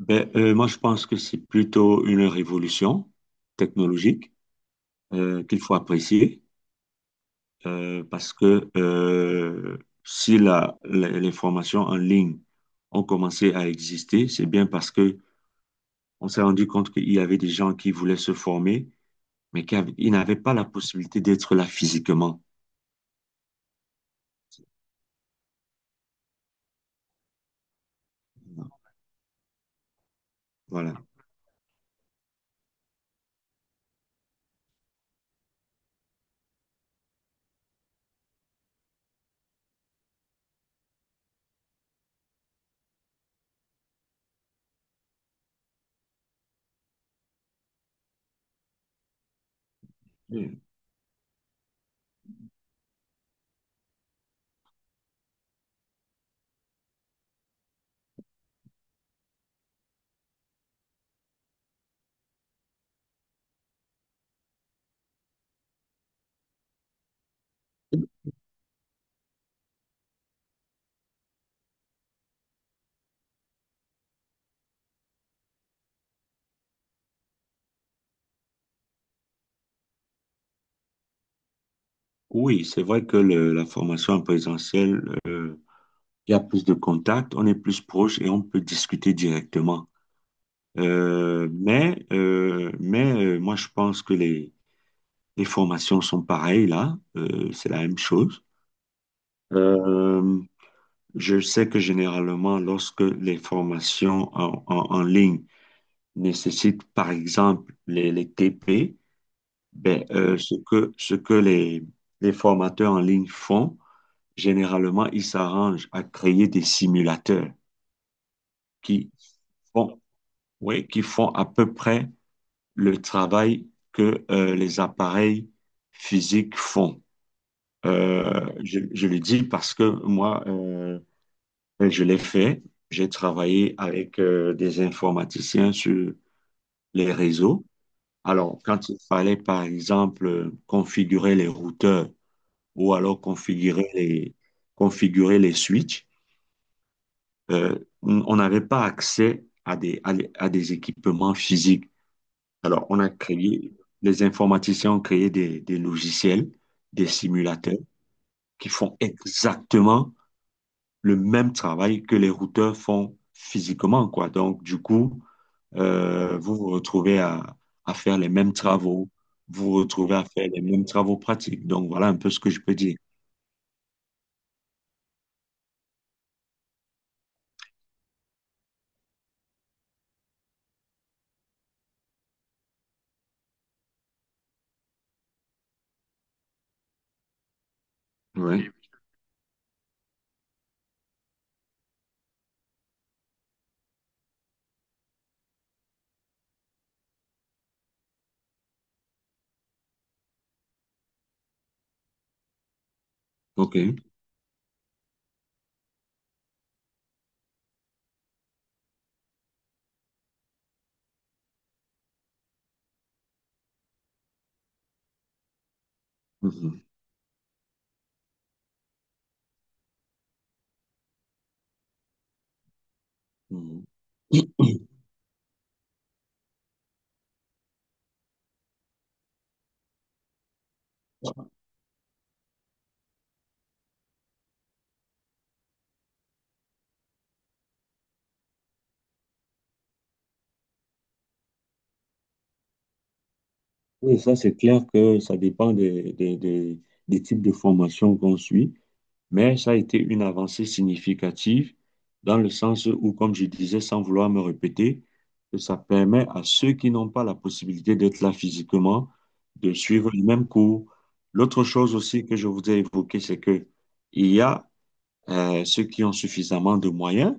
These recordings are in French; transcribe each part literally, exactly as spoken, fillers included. Ben, euh, moi, je pense que c'est plutôt une révolution technologique euh, qu'il faut apprécier euh, parce que euh, si la, la- les formations en ligne ont commencé à exister, c'est bien parce que on s'est rendu compte qu'il y avait des gens qui voulaient se former, mais qui avaient- ils n'avaient pas la possibilité d'être là physiquement. Voilà. Mm. Oui, c'est vrai que le- la formation en présentiel, euh, il y a plus de contact, on est plus proche et on peut discuter directement. Euh, mais euh, mais euh, moi, je pense que les, les formations sont pareilles là. Euh, c'est la même chose. Euh, je sais que généralement, lorsque les formations en, en- en ligne nécessitent, par exemple, les, les T P, ben, euh, ce que, ce que les, les formateurs en ligne font, généralement, ils s'arrangent à créer des simulateurs qui font, oui, qui font à peu près le travail que euh, les appareils physiques font. Euh, je, je le dis parce que moi, euh, je l'ai fait. J'ai travaillé avec euh, des informaticiens sur les réseaux. Alors, quand il fallait, par exemple, euh, configurer les routeurs ou alors configurer les, configurer les switches, euh, on on n'avait pas accès à des, à des à des équipements physiques. Alors, on a créé, les informaticiens ont créé des, des logiciels, des simulateurs qui font exactement le même travail que les routeurs font physiquement, quoi. Donc, du coup, euh, vous vous retrouvez à, à faire les mêmes travaux, vous vous retrouvez à faire les mêmes travaux pratiques. Donc, voilà un peu ce que je peux dire. Ouais. Oui, OK. Mhm. Mhm. Oui, ça, c'est clair que ça dépend des, des, des, des types de formations qu'on suit. Mais ça a été une avancée significative dans le sens où, comme je disais, sans vouloir me répéter, que ça permet à ceux qui n'ont pas la possibilité d'être là physiquement de suivre le même cours. L'autre chose aussi que je voudrais évoquer, c'est que il y a euh, ceux qui ont suffisamment de moyens,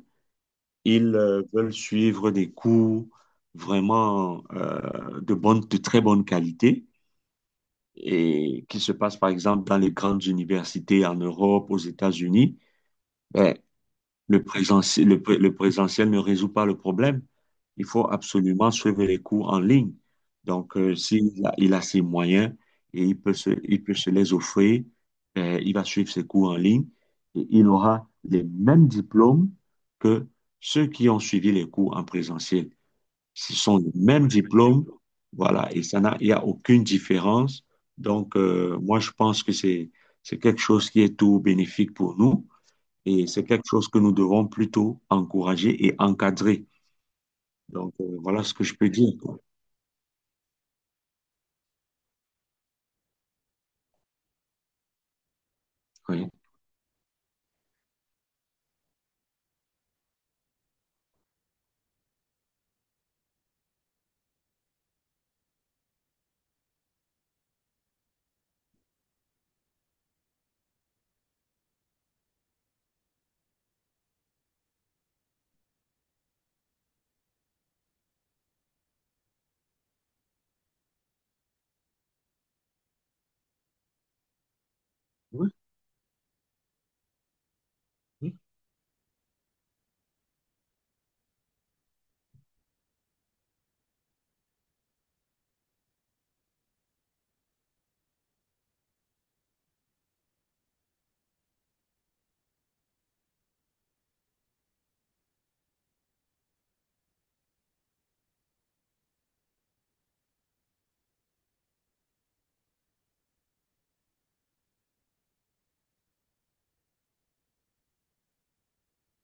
ils euh, veulent suivre des cours vraiment euh, de bonne, de très bonne qualité et qui se passent par exemple dans les grandes universités en Europe, aux États-Unis. Ben, le présentiel, le, pré- le présentiel ne résout pas le problème. Il faut absolument suivre les cours en ligne. Donc, euh, s'il a, il a ses moyens et il peut se, il peut se les offrir, euh, il va suivre ses cours en ligne et il aura les mêmes diplômes que ceux qui ont suivi les cours en présentiel. Ce sont les mêmes diplômes, voilà, et ça n'a, il n'y a aucune différence. Donc, euh, moi, je pense que c'est, c'est quelque chose qui est tout bénéfique pour nous. Et c'est quelque chose que nous devons plutôt encourager et encadrer. Donc, euh, voilà ce que je peux dire. Quoi. Oui. Oui, oui.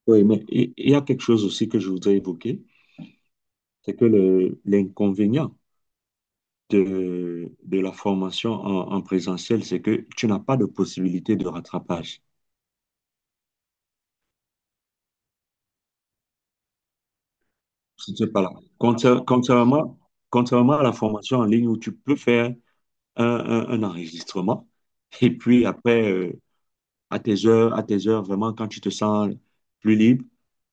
Oui, mais il il y a quelque chose aussi que je voudrais évoquer, c'est que le- l'inconvénient de, de la formation en, en présentiel, c'est que tu n'as pas de possibilité de rattrapage. Je ne sais pas là. Contra- Contrairement, contrairement à la formation en ligne où tu peux faire un, un- un enregistrement et puis après, euh, à tes heures, à tes heures, vraiment, quand tu te sens plus libre,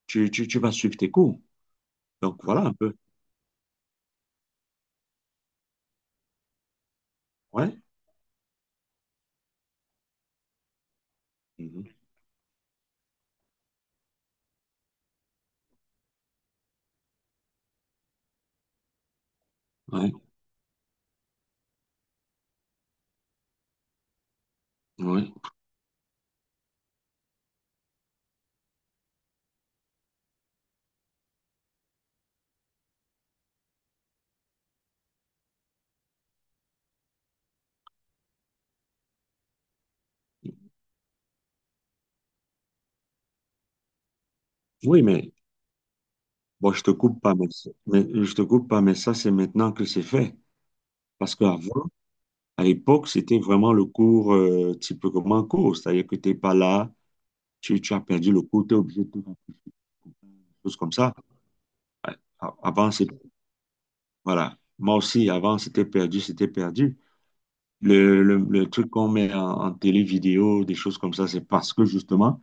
tu, tu, tu vas suivre tes cours. Donc voilà un peu. Ouais. Mhm. Ouais. Ouais. Oui, mais bon, je te coupe pas, mais, c'est- mais je te coupe pas, mais ça, c'est maintenant que c'est fait. Parce qu'avant, à l'époque, c'était vraiment le cours euh, type comme un cours. C'est-à-dire que tu n'es pas là, tu, tu as perdu le cours, tu es obligé de faire quelque chose comme ça. A- Avant, c'est voilà. Moi aussi, avant, c'était perdu, c'était perdu. Le, le, le truc qu'on met en, en télé vidéo, des choses comme ça, c'est parce que justement,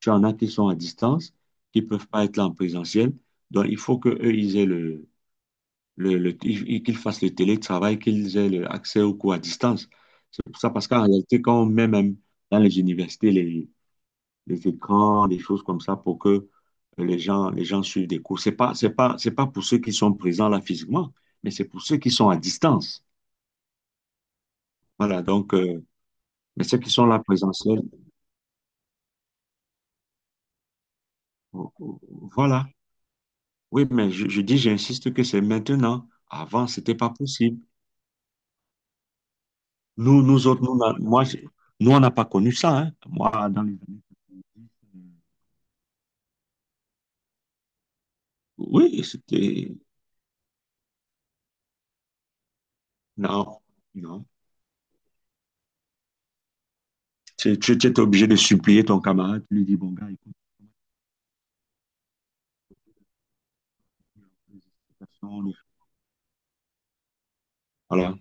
tu en as qui sont à distance, qui ne peuvent pas être là en présentiel. Donc, il faut qu'eux, ils aient le, le, le- ils- qu'ils fassent le télétravail, qu'ils aient le accès aux cours à distance. C'est pour ça, parce qu'en réalité, quand on met même dans les universités les, les écrans, des choses comme ça, pour que les gens, les gens suivent des cours, c'est pas, c'est pas, c'est pas pour ceux qui sont présents là physiquement, mais c'est pour ceux qui sont à distance. Voilà, donc, euh, mais ceux qui sont là présentiel, voilà. Oui, mais je, je dis, j'insiste que c'est maintenant. Avant, c'était pas possible. Nous, nous autres, nous, on moi, je- nous, on n'a pas connu ça. Hein. Moi, dans les années. Oui, c'était. Non, non. Tu, tu, tu étais obligé de supplier ton camarade. Tu lui dis, bon, gars, écoute, il y a des explications, des- voilà.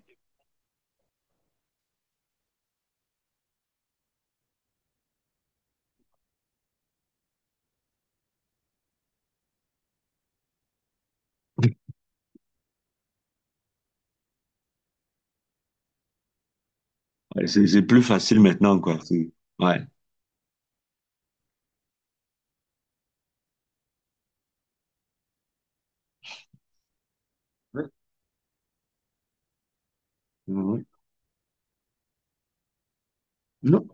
Ouais, C'est c'est plus facile maintenant, quoi. C'est- Ouais. Ouais. Ouais. Non,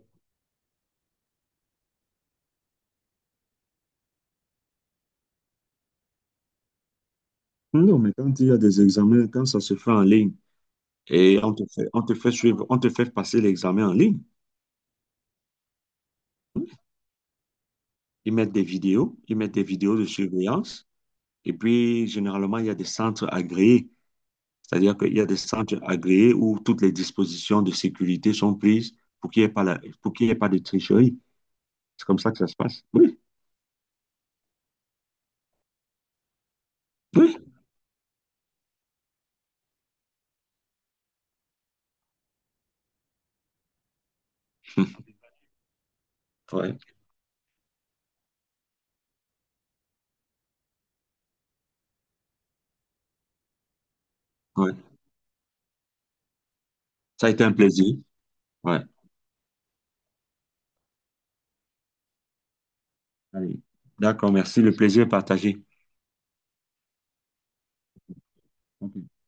non, mais quand il y a des examens, quand ça se fait en ligne et on te fait, on te fait suivre, on te fait passer l'examen en ligne. Ils mettent des vidéos, ils mettent des vidéos de surveillance. Et puis, généralement, il y a des centres agréés. C'est-à-dire qu'il y a des centres agréés où toutes les dispositions de sécurité sont prises pour qu'il n'y ait pas la, pour qu'il y ait pas de tricherie. C'est comme ça que ça se passe. Oui, oui. Ouais, ouais. Ça a été un plaisir. Ouais. Allez. D'accord, merci. Le plaisir est partagé. OK.